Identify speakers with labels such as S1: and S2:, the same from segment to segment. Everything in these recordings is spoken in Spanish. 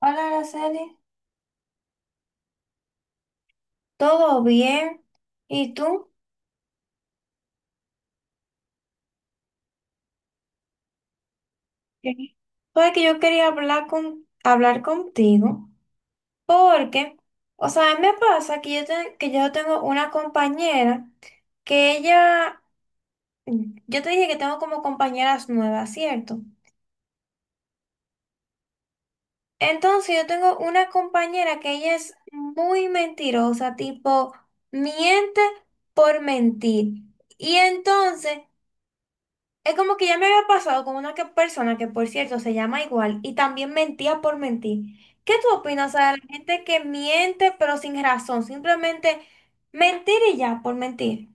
S1: Hola, Araceli. ¿Todo bien? ¿Y tú? Sí. Pues que yo quería hablar contigo porque, o sea, a mí me pasa que que yo tengo una compañera que ella, yo te dije que tengo como compañeras nuevas, ¿cierto? Entonces yo tengo una compañera que ella es muy mentirosa, tipo, miente por mentir. Y entonces, es como que ya me había pasado con una persona que, por cierto, se llama igual y también mentía por mentir. ¿Qué tú opinas, o sea, de la gente que miente pero sin razón? Simplemente mentir y ya, por mentir.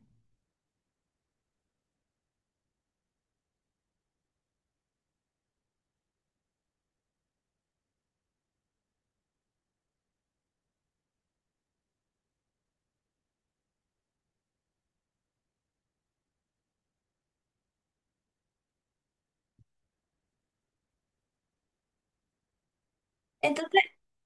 S1: Entonces,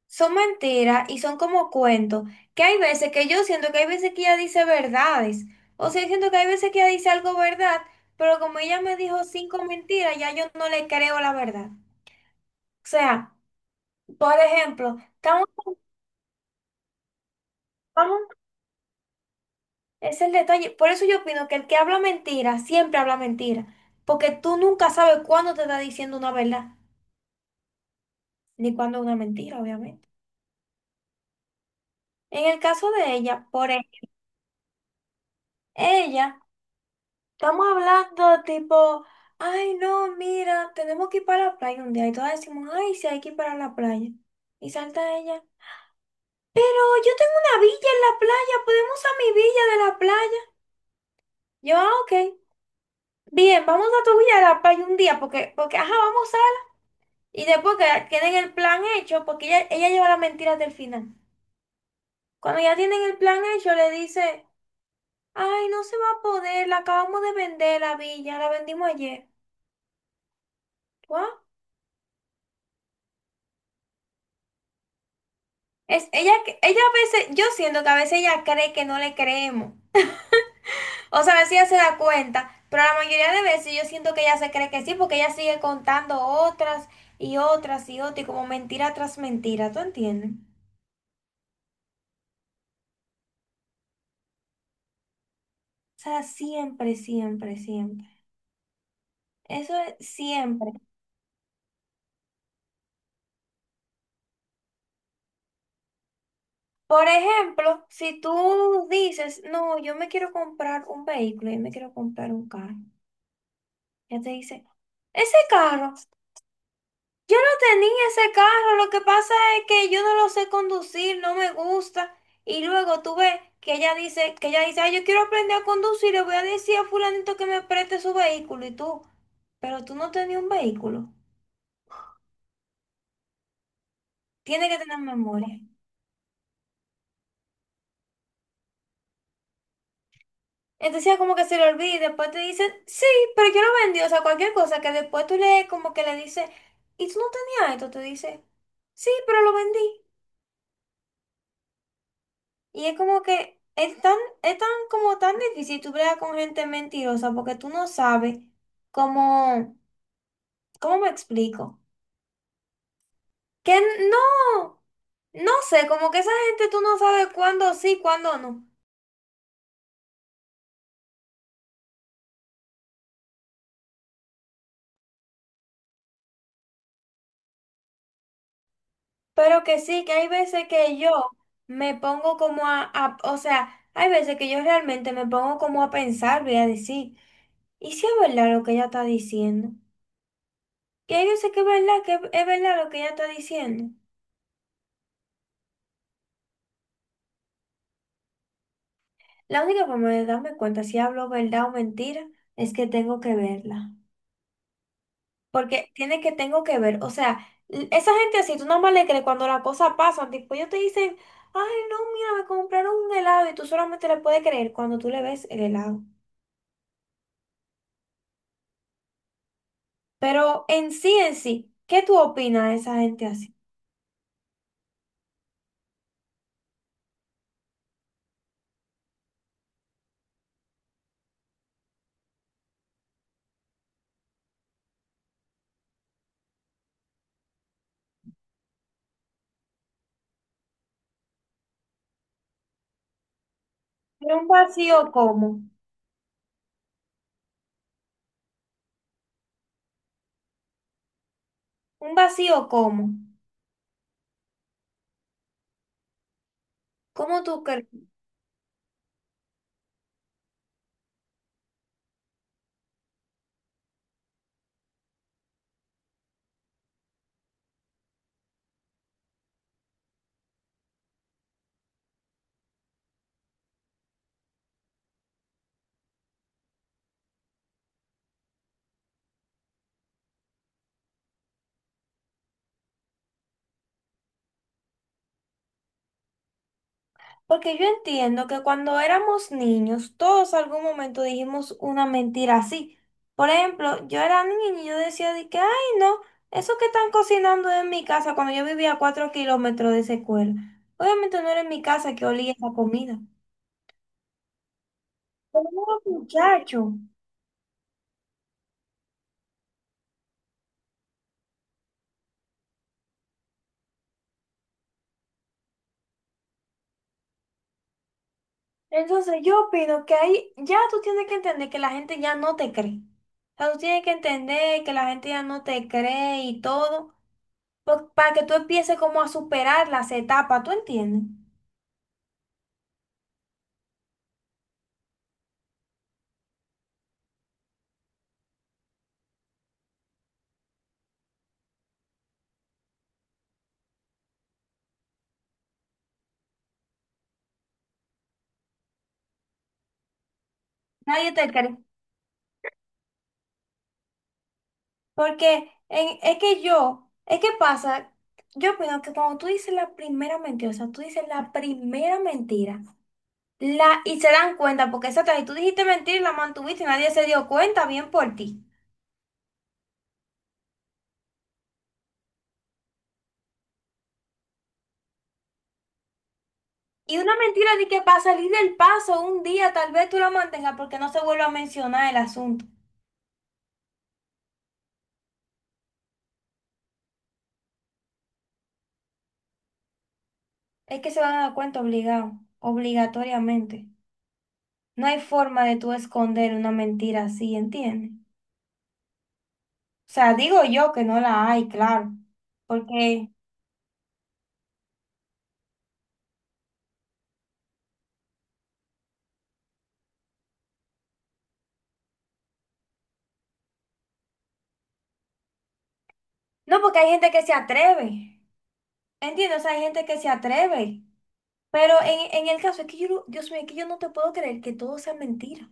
S1: son mentiras y son como cuentos. Que hay veces que yo siento que hay veces que ella dice verdades. O sea, yo siento que hay veces que ella dice algo verdad, pero como ella me dijo cinco mentiras, ya yo no le creo la verdad. O sea, por ejemplo, estamos, vamos. Es el detalle. Por eso yo opino que el que habla mentira siempre habla mentira. Porque tú nunca sabes cuándo te está diciendo una verdad, ni cuándo una mentira, obviamente. En el caso de ella, por ejemplo, ella, estamos hablando tipo, ay, no, mira, tenemos que ir para la playa un día. Y todas decimos, ay, sí, hay que ir para la playa. Y salta ella, pero yo tengo una villa en la playa, podemos a mi villa de la playa. Yo, ah, ok. Bien, vamos a tu villa de la playa un día, porque, porque, ajá, vamos. Y después que tienen el plan hecho, porque ella lleva las mentiras del final. Cuando ya tienen el plan hecho, le dice, ay, no se va a poder, la acabamos de vender la villa, la vendimos ayer. ¿What? Ella a veces, yo siento que a veces ella cree que no le creemos. O sea, a veces ella se da cuenta, pero la mayoría de veces yo siento que ella se cree que sí, porque ella sigue contando otras y otras y otras, y como mentira tras mentira, ¿tú entiendes? O sea, siempre, siempre, siempre. Eso es siempre. Por ejemplo, si tú dices, no, yo me quiero comprar un vehículo, yo me quiero comprar un carro, ya te dice, ese carro, yo no tenía ese carro, lo que pasa es que yo no lo sé conducir, no me gusta. Y luego tú ves que ella dice, "Ay, yo quiero aprender a conducir, le voy a decir a fulanito que me preste su vehículo", y tú, pero tú no tenías un vehículo, tiene que tener memoria. Entonces ya como que se le olvida y después te dicen, sí, pero yo lo vendí, o sea, cualquier cosa que después tú le como que le dices, ¿y tú no tenías esto? Te dice, sí, pero lo vendí. Y es como que es tan como tan difícil tú bregar con gente mentirosa porque tú no sabes cómo, ¿cómo me explico? Que no, no sé, como que esa gente tú no sabes cuándo sí, cuándo no. Pero que sí, que hay veces que yo me pongo como o sea, hay veces que yo realmente me pongo como a pensar, voy a decir, ¿y si es verdad lo que ella está diciendo? Que hay sé que es verdad lo que ella está diciendo. La única forma de darme cuenta si hablo verdad o mentira es que tengo que verla. Porque tiene que, tengo que ver, o sea, esa gente así, tú nomás le crees cuando las cosas pasan, tipo, ellos te dicen, ay, no, mira, me compraron un helado y tú solamente le puedes creer cuando tú le ves el helado. Pero en sí, ¿qué tú opinas de esa gente así? Pero un vacío como, un vacío como, ¿cómo tú crees? Porque yo entiendo que cuando éramos niños, todos algún momento dijimos una mentira así. Por ejemplo, yo era niña y yo decía de que, ay, no, eso que están cocinando es en mi casa cuando yo vivía a 4 kilómetros de esa escuela. Obviamente no era en mi casa que olía esa comida. Pero no era muchacho. Entonces yo opino que ahí ya tú tienes que entender que la gente ya no te cree. O sea, tú tienes que entender que la gente ya no te cree y todo, para que tú empieces como a superar las etapas, ¿tú entiendes? Nadie te cree. Porque es que yo, es que pasa, yo opino que cuando tú dices la primera mentira, o sea, tú dices la primera mentira, la, y se dan cuenta, porque esa otra, y tú dijiste mentira y la mantuviste y nadie se dio cuenta bien por ti. Y una mentira de que para salir del paso un día tal vez tú la mantengas porque no se vuelva a mencionar el asunto. Es que se van a dar cuenta obligado, obligatoriamente. No hay forma de tú esconder una mentira así, ¿entiendes? O sea, digo yo que no la hay, claro. Porque, no, porque hay gente que se atreve. ¿Entiendes? O sea, hay gente que se atreve. Pero en el caso es que yo, no- Dios mío, es que yo no te puedo creer que todo sea mentira. O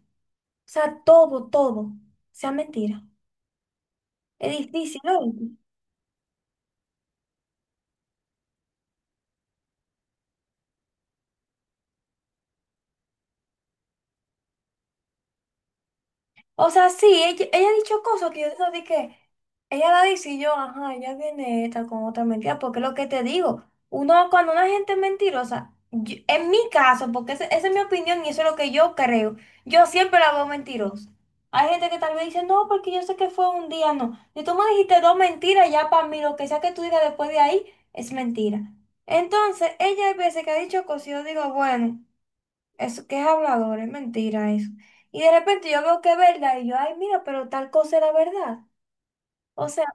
S1: sea, todo, todo sea mentira. Es difícil, ¿no? O sea, sí, ella ha dicho cosas que yo digo de que ella la dice y yo, ajá, ella viene esta con otra mentira, porque es lo que te digo, uno cuando una gente es mentirosa, en mi caso, porque esa es mi opinión y eso es lo que yo creo, yo siempre la veo mentirosa. Hay gente que tal vez dice, no, porque yo sé que fue un día, no. Si tú me dijiste dos mentiras, ya para mí lo que sea que tú digas después de ahí es mentira. Entonces, ella hay veces que ha dicho cosas y yo digo, bueno. Eso que es hablador, es mentira eso. Y de repente yo veo que es verdad y yo, ay, mira, pero tal cosa era verdad. O sea,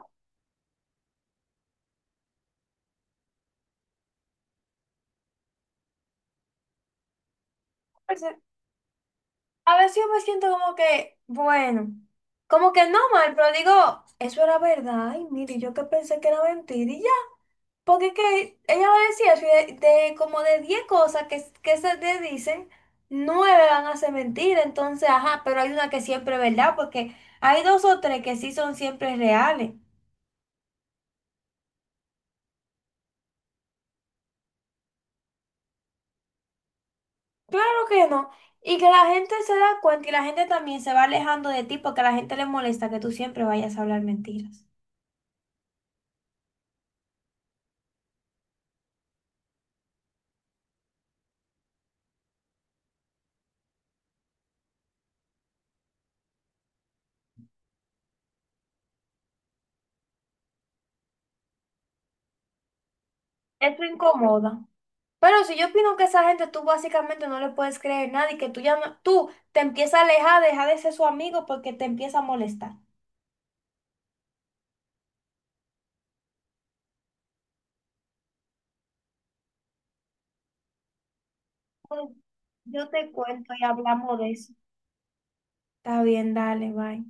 S1: pues, a veces yo me siento como que, bueno, como que no mal, pero digo, eso era verdad. Ay, mire, yo que pensé que era mentira y ya. Porque es que ella va a decir eso y de como de 10 cosas que se te dicen, 9 van a ser mentira. Entonces, ajá, pero hay una que siempre es verdad porque hay dos o tres que sí son siempre reales. Claro que no. Y que la gente se da cuenta y la gente también se va alejando de ti porque a la gente le molesta que tú siempre vayas a hablar mentiras. Eso incomoda. Pero si yo opino que esa gente tú básicamente no le puedes creer nada y que tú ya tú te empiezas a alejar, deja de ser su amigo porque te empieza a molestar. Pues, yo te cuento y hablamos de eso. Está bien, dale, bye.